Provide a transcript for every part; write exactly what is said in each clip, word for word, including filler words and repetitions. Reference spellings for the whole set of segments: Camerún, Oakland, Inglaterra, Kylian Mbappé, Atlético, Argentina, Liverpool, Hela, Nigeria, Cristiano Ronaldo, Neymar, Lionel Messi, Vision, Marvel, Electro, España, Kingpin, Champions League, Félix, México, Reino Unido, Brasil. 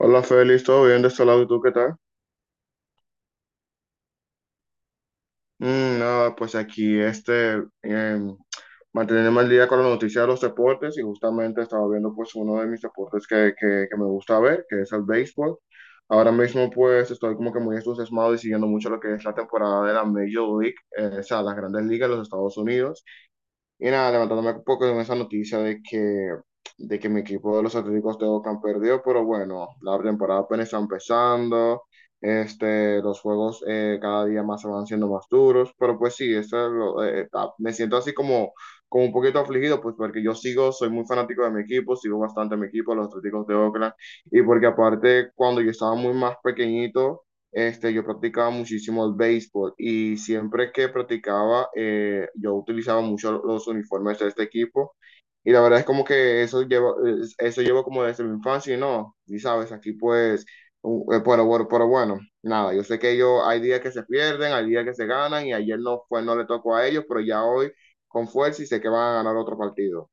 Hola Félix, ¿todo bien de este lado? ¿Y tú qué tal? Mm, nada, pues aquí este, em, manteniéndome al día con la noticia de los deportes y justamente estaba viendo pues uno de mis deportes que, que, que me gusta ver, que es el béisbol. Ahora mismo pues estoy como que muy entusiasmado y siguiendo mucho lo que es la temporada de la Major League, eh, o sea, las grandes ligas de los Estados Unidos. Y nada, levantándome un poco con esa noticia de que, de que mi equipo de los Atléticos de Oakland perdió, pero bueno, la temporada apenas está empezando. Este, los juegos eh, cada día más se van siendo más duros, pero pues sí, eso es lo- eh, está- me siento así como como un poquito afligido, pues porque yo sigo, soy muy fanático de mi equipo, sigo bastante a mi equipo, los Atléticos de Oakland, y porque aparte cuando yo estaba muy más pequeñito, este, yo practicaba muchísimo el béisbol y siempre que practicaba, eh, yo utilizaba mucho los uniformes de este equipo. Y la verdad es como que eso llevo, es- eso llevo como desde mi infancia y no, y sabes, aquí pues, u- eh, pero, bueno- pero bueno, nada, yo sé que yo hay días que se pierden, hay días que se ganan y ayer no fue, no le tocó a ellos, pero ya hoy con fuerza y sé que van a ganar otro partido.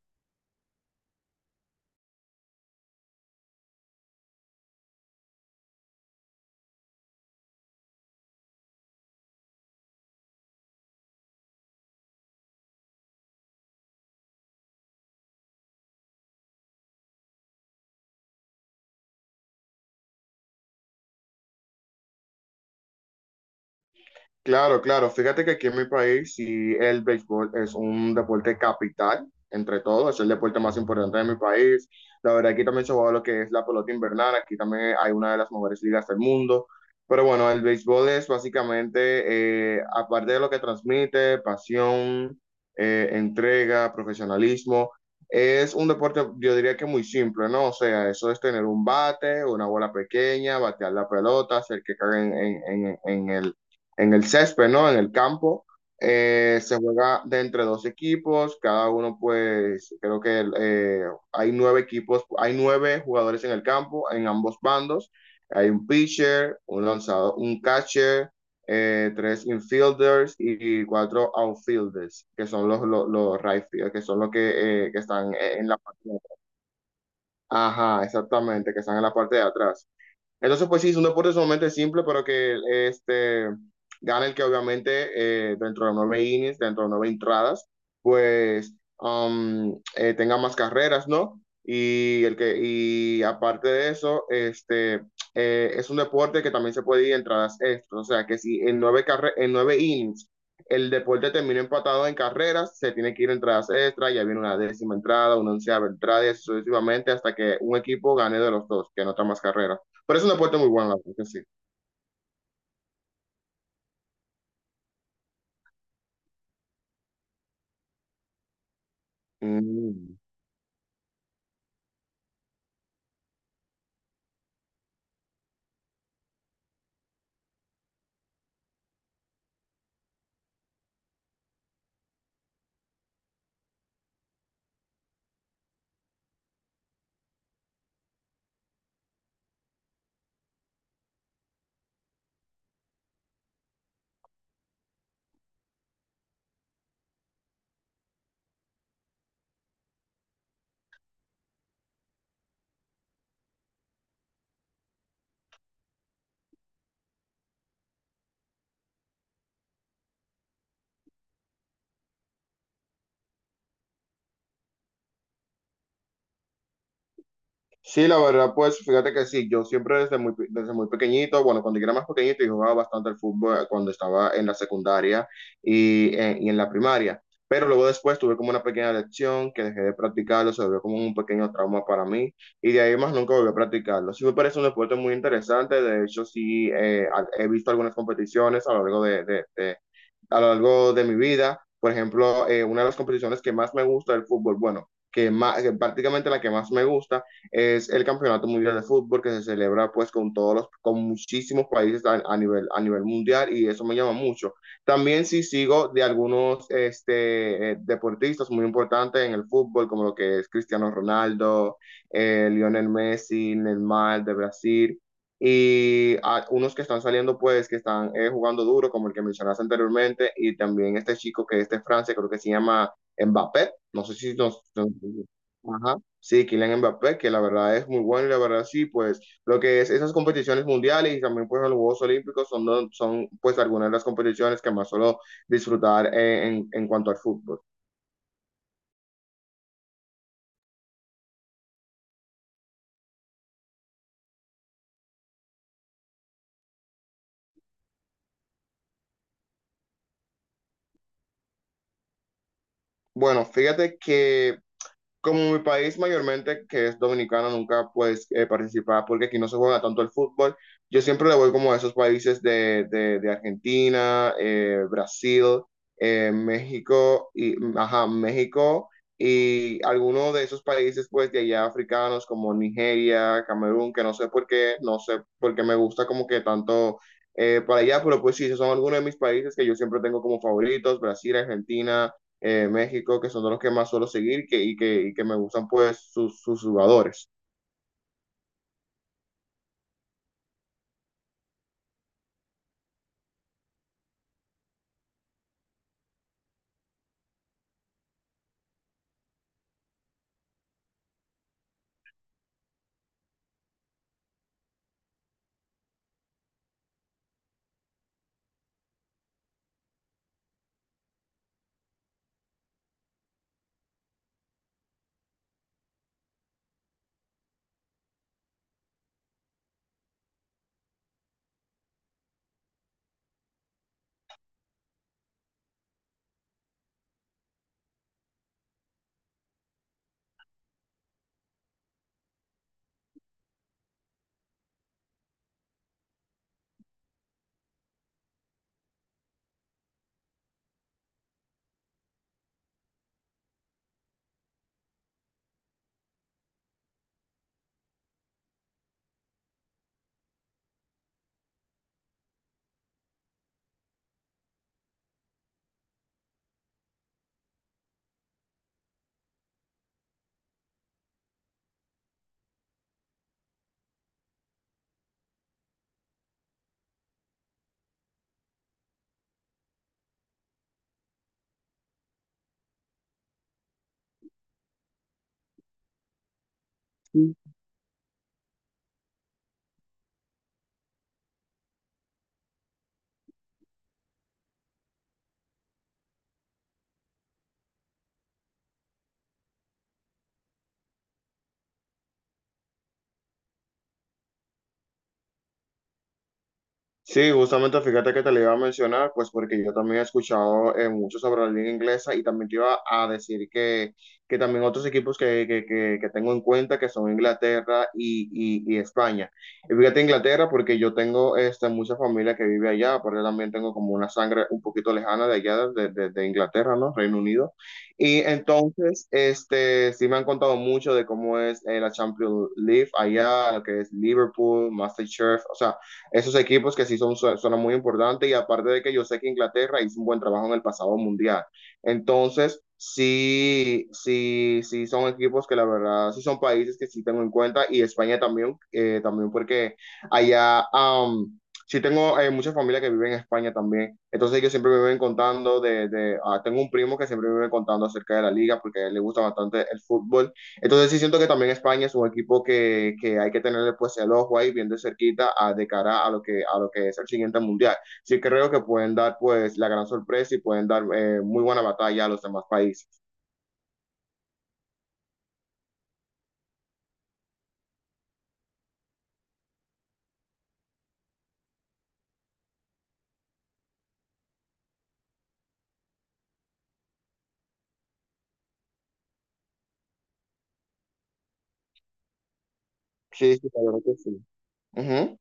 Claro, claro. Fíjate que aquí en mi país sí el béisbol es un deporte capital, entre todos, es el deporte más importante de mi país. La verdad, aquí también se juega lo que es la pelota invernal, aquí también hay una de las mejores ligas del mundo. Pero bueno, el béisbol es básicamente, eh, aparte de lo que transmite, pasión, eh, entrega, profesionalismo, es un deporte, yo diría que muy simple, ¿no? O sea, eso es tener un bate, una bola pequeña, batear la pelota, hacer que caiga en en- en- en el en el césped, ¿no? En el campo. Eh, se juega de entre dos equipos, cada uno pues creo que eh, hay nueve equipos, hay nueve jugadores en el campo, en ambos bandos. Hay un pitcher, un lanzador, un catcher, eh, tres infielders y, y cuatro outfielders, que son los, los, los right field, que son los que, eh, que están en la parte de atrás. Ajá, exactamente, que están en la parte de atrás. Entonces, pues sí, es un deporte sumamente simple, pero que este, gana el que obviamente eh, dentro de nueve innings, dentro de nueve entradas, pues um, eh, tenga más carreras, ¿no? Y, el que, y aparte de eso, este, eh, es un deporte que también se puede ir entradas extras. O sea, que si en nueve, carre en nueve innings el deporte termina empatado en carreras, se tiene que ir entradas extras, ya viene una décima entrada, una onceava entrada, y así sucesivamente hasta que un equipo gane de los dos, que anota más carreras. Pero es una puerta muy buena, la verdad que sí. Mm. Sí, la verdad, pues fíjate que sí, yo siempre desde muy, pe- desde muy pequeñito, bueno, cuando yo era más pequeñito, yo jugaba bastante al fútbol eh, cuando estaba en la secundaria y, eh, y en la primaria, pero luego después tuve como una pequeña lección que dejé de practicarlo, se volvió como un pequeño trauma para mí y de ahí más nunca volví a practicarlo. Sí me parece un deporte muy interesante, de hecho sí eh, a- he visto algunas competiciones a lo largo de, de- de- a lo largo de mi vida. Por ejemplo, eh, una de las competiciones que más me gusta del fútbol, bueno, que, más, prácticamente la que más me gusta es el Campeonato Mundial de Fútbol que se celebra pues con todos los, con muchísimos países a, a nivel, a nivel mundial y eso me llama mucho. También sí sigo de algunos este, eh, deportistas muy importantes en el fútbol, como lo que es Cristiano Ronaldo, eh, Lionel Messi, Neymar de Brasil y a unos que están saliendo pues que están eh, jugando duro como el que mencionaste anteriormente y también este chico que es de Francia creo que se llama Mbappé no sé si nos, nos, ajá, sí, Kylian Mbappé, que la verdad es muy bueno y la verdad sí, pues lo que es esas competiciones mundiales y también pues los Juegos Olímpicos son, do- son pues algunas de las competiciones que más suelo disfrutar eh, en, en cuanto al fútbol. Bueno, fíjate que como mi país mayormente, que es dominicano, nunca pues eh, participaba porque aquí no se juega tanto el fútbol, yo siempre le voy como a esos países de, de- de Argentina, eh, Brasil, eh, México y, ajá, México y algunos de esos países pues de allá africanos como Nigeria, Camerún, que no sé por qué, no sé por qué me gusta como que tanto eh, para allá, pero pues sí, esos son algunos de mis países que yo siempre tengo como favoritos, Brasil, Argentina, eh, México, que son de los que más suelo seguir que, y, que, y que me gustan pues sus, sus jugadores. Sí, sí, justamente fíjate que te lo iba a mencionar, pues porque yo también he escuchado eh, mucho sobre la liga inglesa y también te iba a decir que, que también otros equipos que, que, que, que tengo en cuenta que son Inglaterra y, y, y España. Y fíjate Inglaterra porque yo tengo este, mucha familia que vive allá, aparte también tengo como una sangre un poquito lejana de allá, de, de, de Inglaterra, ¿no? Reino Unido. Y entonces, este, sí me han contado mucho de cómo es eh, la Champions League allá, lo que es Liverpool, MasterChef, o sea esos equipos que sí son, son muy importantes y aparte de que yo sé que Inglaterra hizo un buen trabajo en el pasado mundial. Entonces, sí, sí, sí son equipos que la verdad, sí son países que sí tengo en cuenta y España también, eh, también porque allá... Um, sí tengo eh, mucha familia que vive en España también, entonces ellos siempre me ven contando de, de ah, tengo un primo que siempre me vive contando acerca de la liga porque a él le gusta bastante el fútbol, entonces sí siento que también España es un equipo que, que hay que tenerle pues el ojo ahí bien de cerquita a- de cara a lo que, a lo que es el siguiente mundial. Sí creo que pueden dar pues la gran sorpresa y pueden dar eh, muy buena batalla a los demás países. Sí, sí, la verdad que sí. Ujú.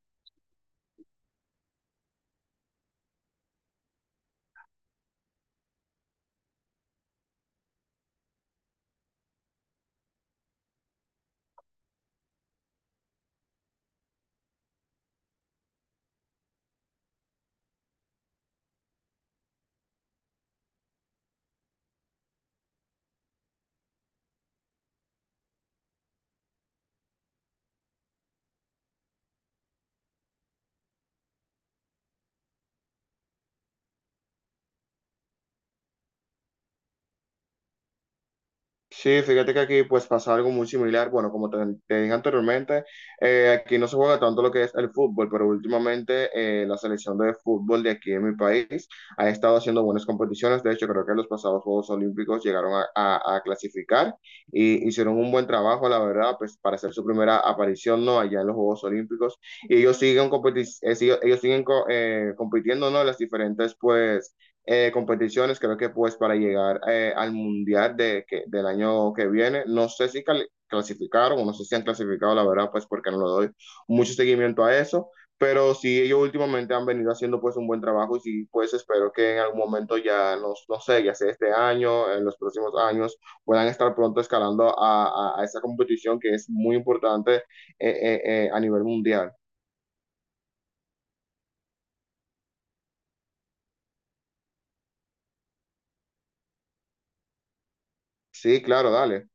Sí, fíjate que aquí pues pasa algo muy similar. Bueno, como te, te dije anteriormente, eh, aquí no se juega tanto lo que es el fútbol, pero últimamente eh, la selección de fútbol de aquí en mi país ha estado haciendo buenas competiciones. De hecho, creo que en los pasados Juegos Olímpicos llegaron a, a- a clasificar y hicieron un buen trabajo, la verdad, pues para hacer su primera aparición, ¿no? Allá en los Juegos Olímpicos. Y ellos siguen, competi- eh, sig- ellos siguen co- eh, compitiendo, ¿no? En las diferentes pues eh, competiciones, creo que pues para llegar eh, al mundial de, que, del año que viene, no sé si cal- clasificaron o no sé si han clasificado, la verdad, pues porque no le doy mucho seguimiento a eso, pero sí ellos últimamente han venido haciendo pues un buen trabajo y sí pues espero que en algún momento ya, no, no sé, ya sea este año, en los próximos años, puedan estar pronto escalando a, a- a esa competición que es muy importante eh, eh, eh, a nivel mundial. Sí, claro, dale.